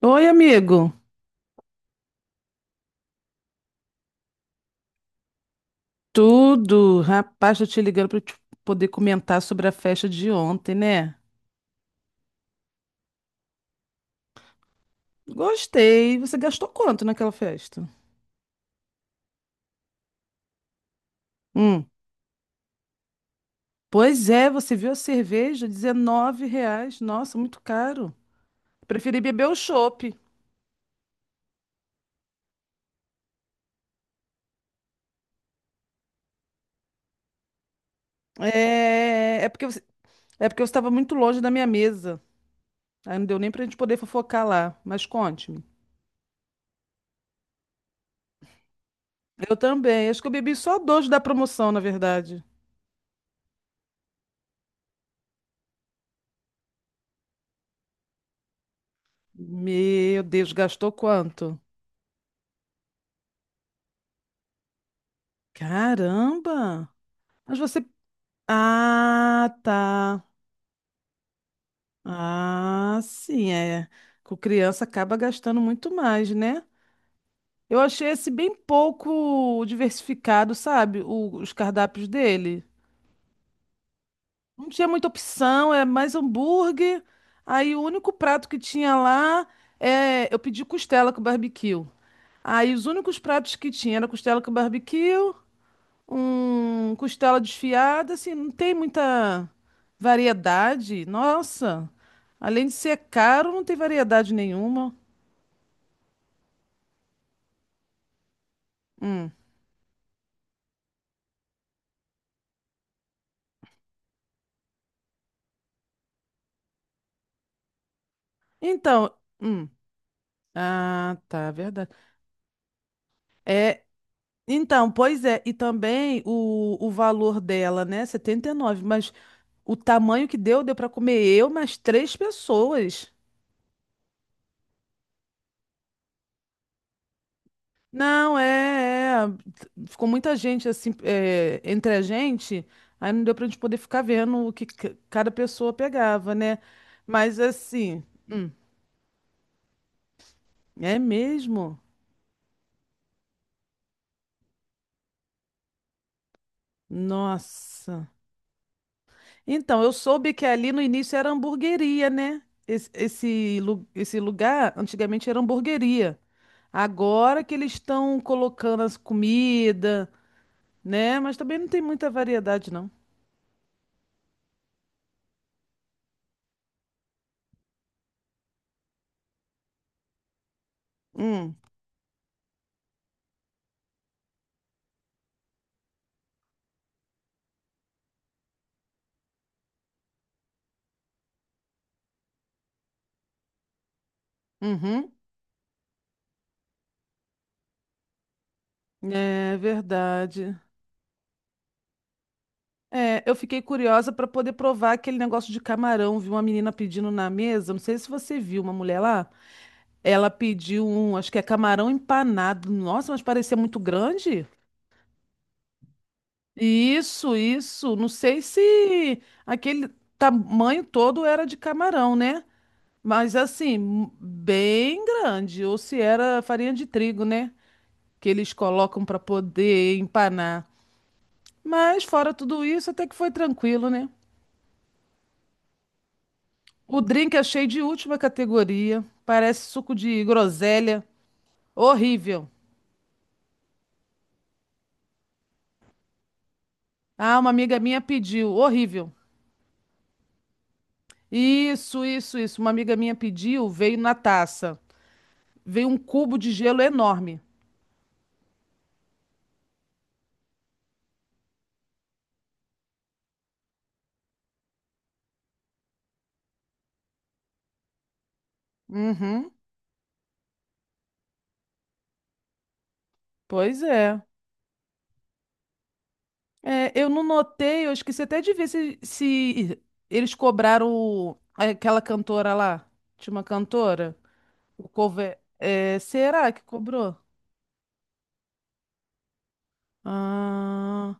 Oi, amigo. Tudo? Rapaz, tô te ligando para poder comentar sobre a festa de ontem, né? Gostei. Você gastou quanto naquela festa? Hum. Pois é, você viu a cerveja? R$ 19. Nossa, muito caro. Preferi beber o chopp. É, é porque você... é porque eu estava muito longe da minha mesa. Aí não deu nem pra gente poder fofocar lá. Mas conte-me. Eu também. Acho que eu bebi só dois da promoção, na verdade. Meu Deus, gastou quanto? Caramba! Mas você. Ah, tá. Ah, sim, é. Com criança acaba gastando muito mais, né? Eu achei esse bem pouco diversificado, sabe? Os cardápios dele. Não tinha muita opção, é mais hambúrguer. Aí o único prato que tinha lá é. Eu pedi costela com barbecue. Aí os únicos pratos que tinha era costela com barbecue um costela desfiada, assim, não tem muita variedade. Nossa, além de ser caro, não tem variedade nenhuma. Hum. Então, hum. Ah, tá, verdade. É, então, pois é, e também o valor dela, né, 79 mas o tamanho que deu, deu para comer eu mais três pessoas. Não, é, é. Ficou muita gente assim, é, entre a gente, aí não deu pra gente poder ficar vendo o que cada pessoa pegava, né? Mas assim, hum, é mesmo? Nossa. Então, eu soube que ali no início era hamburgueria, né? Esse lugar antigamente era hamburgueria. Agora que eles estão colocando as comida, né? Mas também não tem muita variedade, não. Hum, uhum. É verdade. É, eu fiquei curiosa para poder provar aquele negócio de camarão. Vi uma menina pedindo na mesa, não sei se você viu, uma mulher lá. Ela pediu um, acho que é camarão empanado. Nossa, mas parecia muito grande. Isso, isso. Não sei se aquele tamanho todo era de camarão, né? Mas assim, bem grande. Ou se era farinha de trigo, né? Que eles colocam para poder empanar. Mas fora tudo isso, até que foi tranquilo, né? O drink achei de última categoria. Parece suco de groselha. Horrível. Ah, uma amiga minha pediu. Horrível. Isso, isso, isso. Uma amiga minha pediu, veio na taça. Veio um cubo de gelo enorme. Uhum. Pois é. É, eu não notei, eu esqueci até de ver se eles cobraram aquela cantora lá. Tinha uma cantora? O cover. É, será que cobrou? Ah.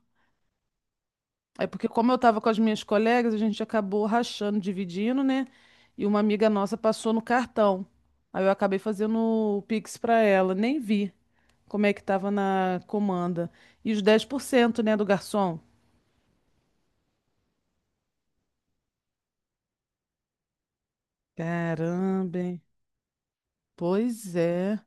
É porque como eu estava com as minhas colegas, a gente acabou rachando, dividindo, né? E uma amiga nossa passou no cartão. Aí eu acabei fazendo o Pix para ela, nem vi como é que estava na comanda. E os 10%, né, do garçom. Caramba, hein? Pois é.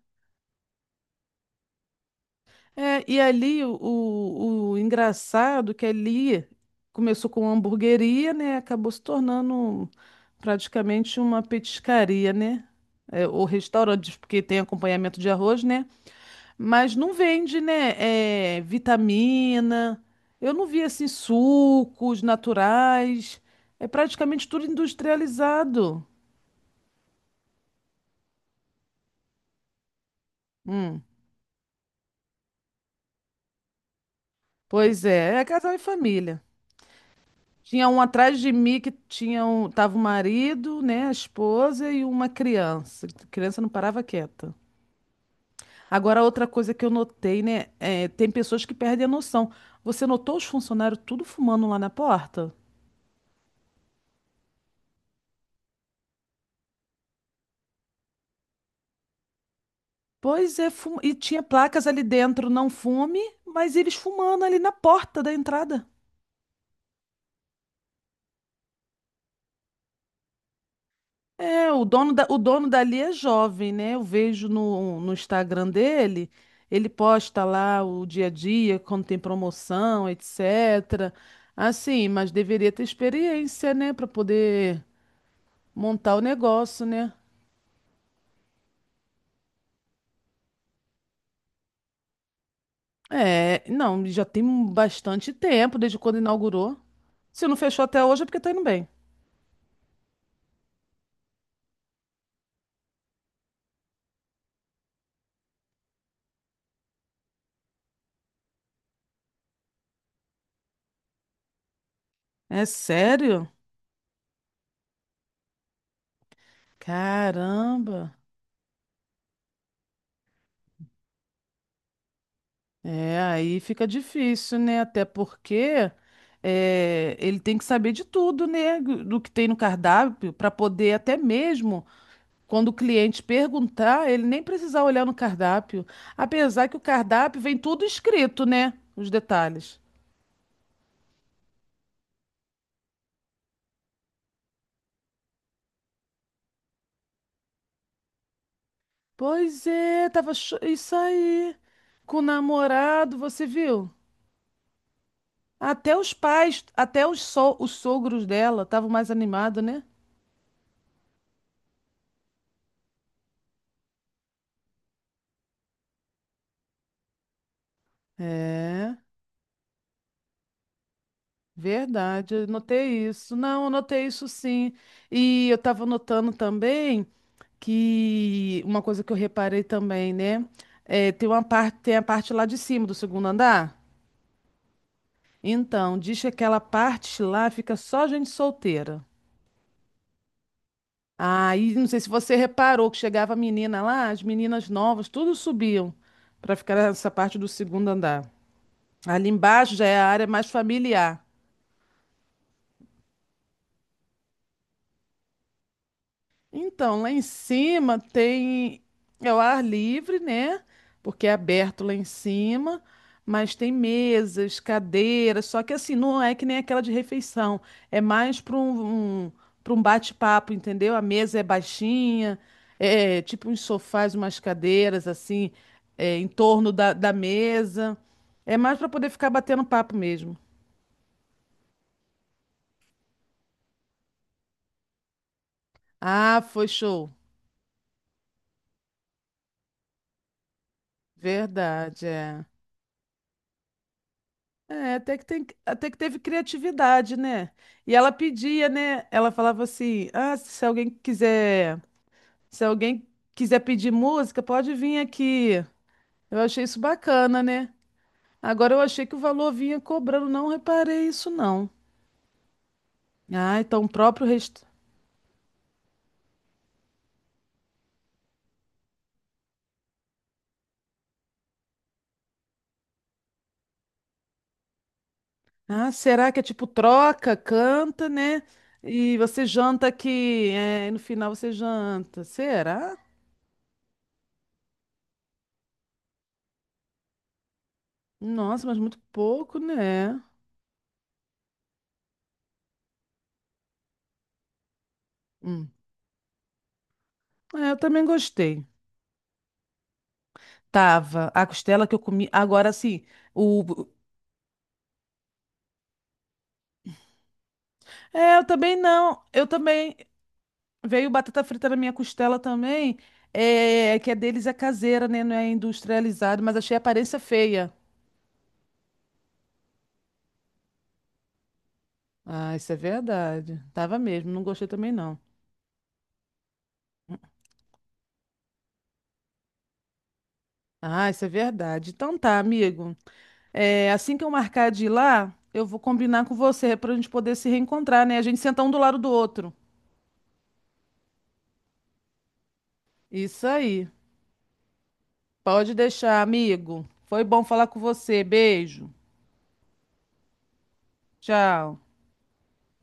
É, e ali o engraçado é que ali começou com uma hamburgueria, né? Acabou se tornando praticamente uma petiscaria, né? É, ou restaurante, porque tem acompanhamento de arroz, né? Mas não vende, né? É, vitamina. Eu não vi assim sucos naturais. É praticamente tudo industrializado. Hum, pois é, é casal e família. Tinha um atrás de mim que tava o marido, né, a esposa e uma criança. A criança não parava quieta. Agora, outra coisa que eu notei, né, é, tem pessoas que perdem a noção. Você notou os funcionários tudo fumando lá na porta? Pois é, e tinha placas ali dentro, não fume, mas eles fumando ali na porta da entrada. É, o dono dali é jovem, né? Eu vejo no Instagram dele, ele posta lá o dia a dia, quando tem promoção, etc. Assim, mas deveria ter experiência, né, para poder montar o negócio, né? É, não, já tem bastante tempo desde quando inaugurou. Se não fechou até hoje é porque tá indo bem. É sério? Caramba. É, aí fica difícil, né? Até porque ele tem que saber de tudo, né? Do que tem no cardápio, para poder até mesmo, quando o cliente perguntar, ele nem precisar olhar no cardápio. Apesar que o cardápio vem tudo escrito, né? Os detalhes. Pois é, isso aí. Com o namorado, você viu? Até os pais, os sogros dela estavam mais animados, né? É. Verdade, eu notei isso. Não, eu notei isso sim. E eu estava notando também que uma coisa que eu reparei também, né? É, tem uma parte, tem a parte lá de cima do segundo andar. Então, diz que aquela parte lá fica só gente solteira. Aí, não sei se você reparou que chegava a menina lá, as meninas novas, tudo subiam para ficar nessa parte do segundo andar. Ali embaixo já é a área mais familiar. Então, lá em cima tem é o ar livre, né? Porque é aberto lá em cima, mas tem mesas, cadeiras, só que assim, não é que nem aquela de refeição, é mais para um bate-papo, entendeu? A mesa é baixinha, é tipo uns sofás, umas cadeiras assim, é, em torno da mesa. É mais para poder ficar batendo papo mesmo. Ah, foi show. Verdade, é. É, até que teve criatividade, né? E ela pedia, né? Ela falava assim: "Ah, se alguém quiser pedir música, pode vir aqui". Eu achei isso bacana, né? Agora eu achei que o valor vinha cobrando, não reparei isso não. Ah, então o próprio. Ah, será que é tipo troca, canta, né? E você janta aqui, é, e no final você janta. Será? Nossa, mas muito pouco, né? Hum. É, eu também gostei. Tava. A costela que eu comi. Agora sim. O... É, eu também não. Eu também. Veio batata frita na minha costela também. É, que é deles é caseira, né? Não é industrializado, mas achei a aparência feia. Ah, isso é verdade. Tava mesmo. Não gostei também, não. Ah, isso é verdade. Então tá, amigo. É, assim que eu marcar de ir lá, eu vou combinar com você pra gente poder se reencontrar, né? A gente sentar um do lado do outro. Isso aí. Pode deixar, amigo. Foi bom falar com você. Beijo. Tchau.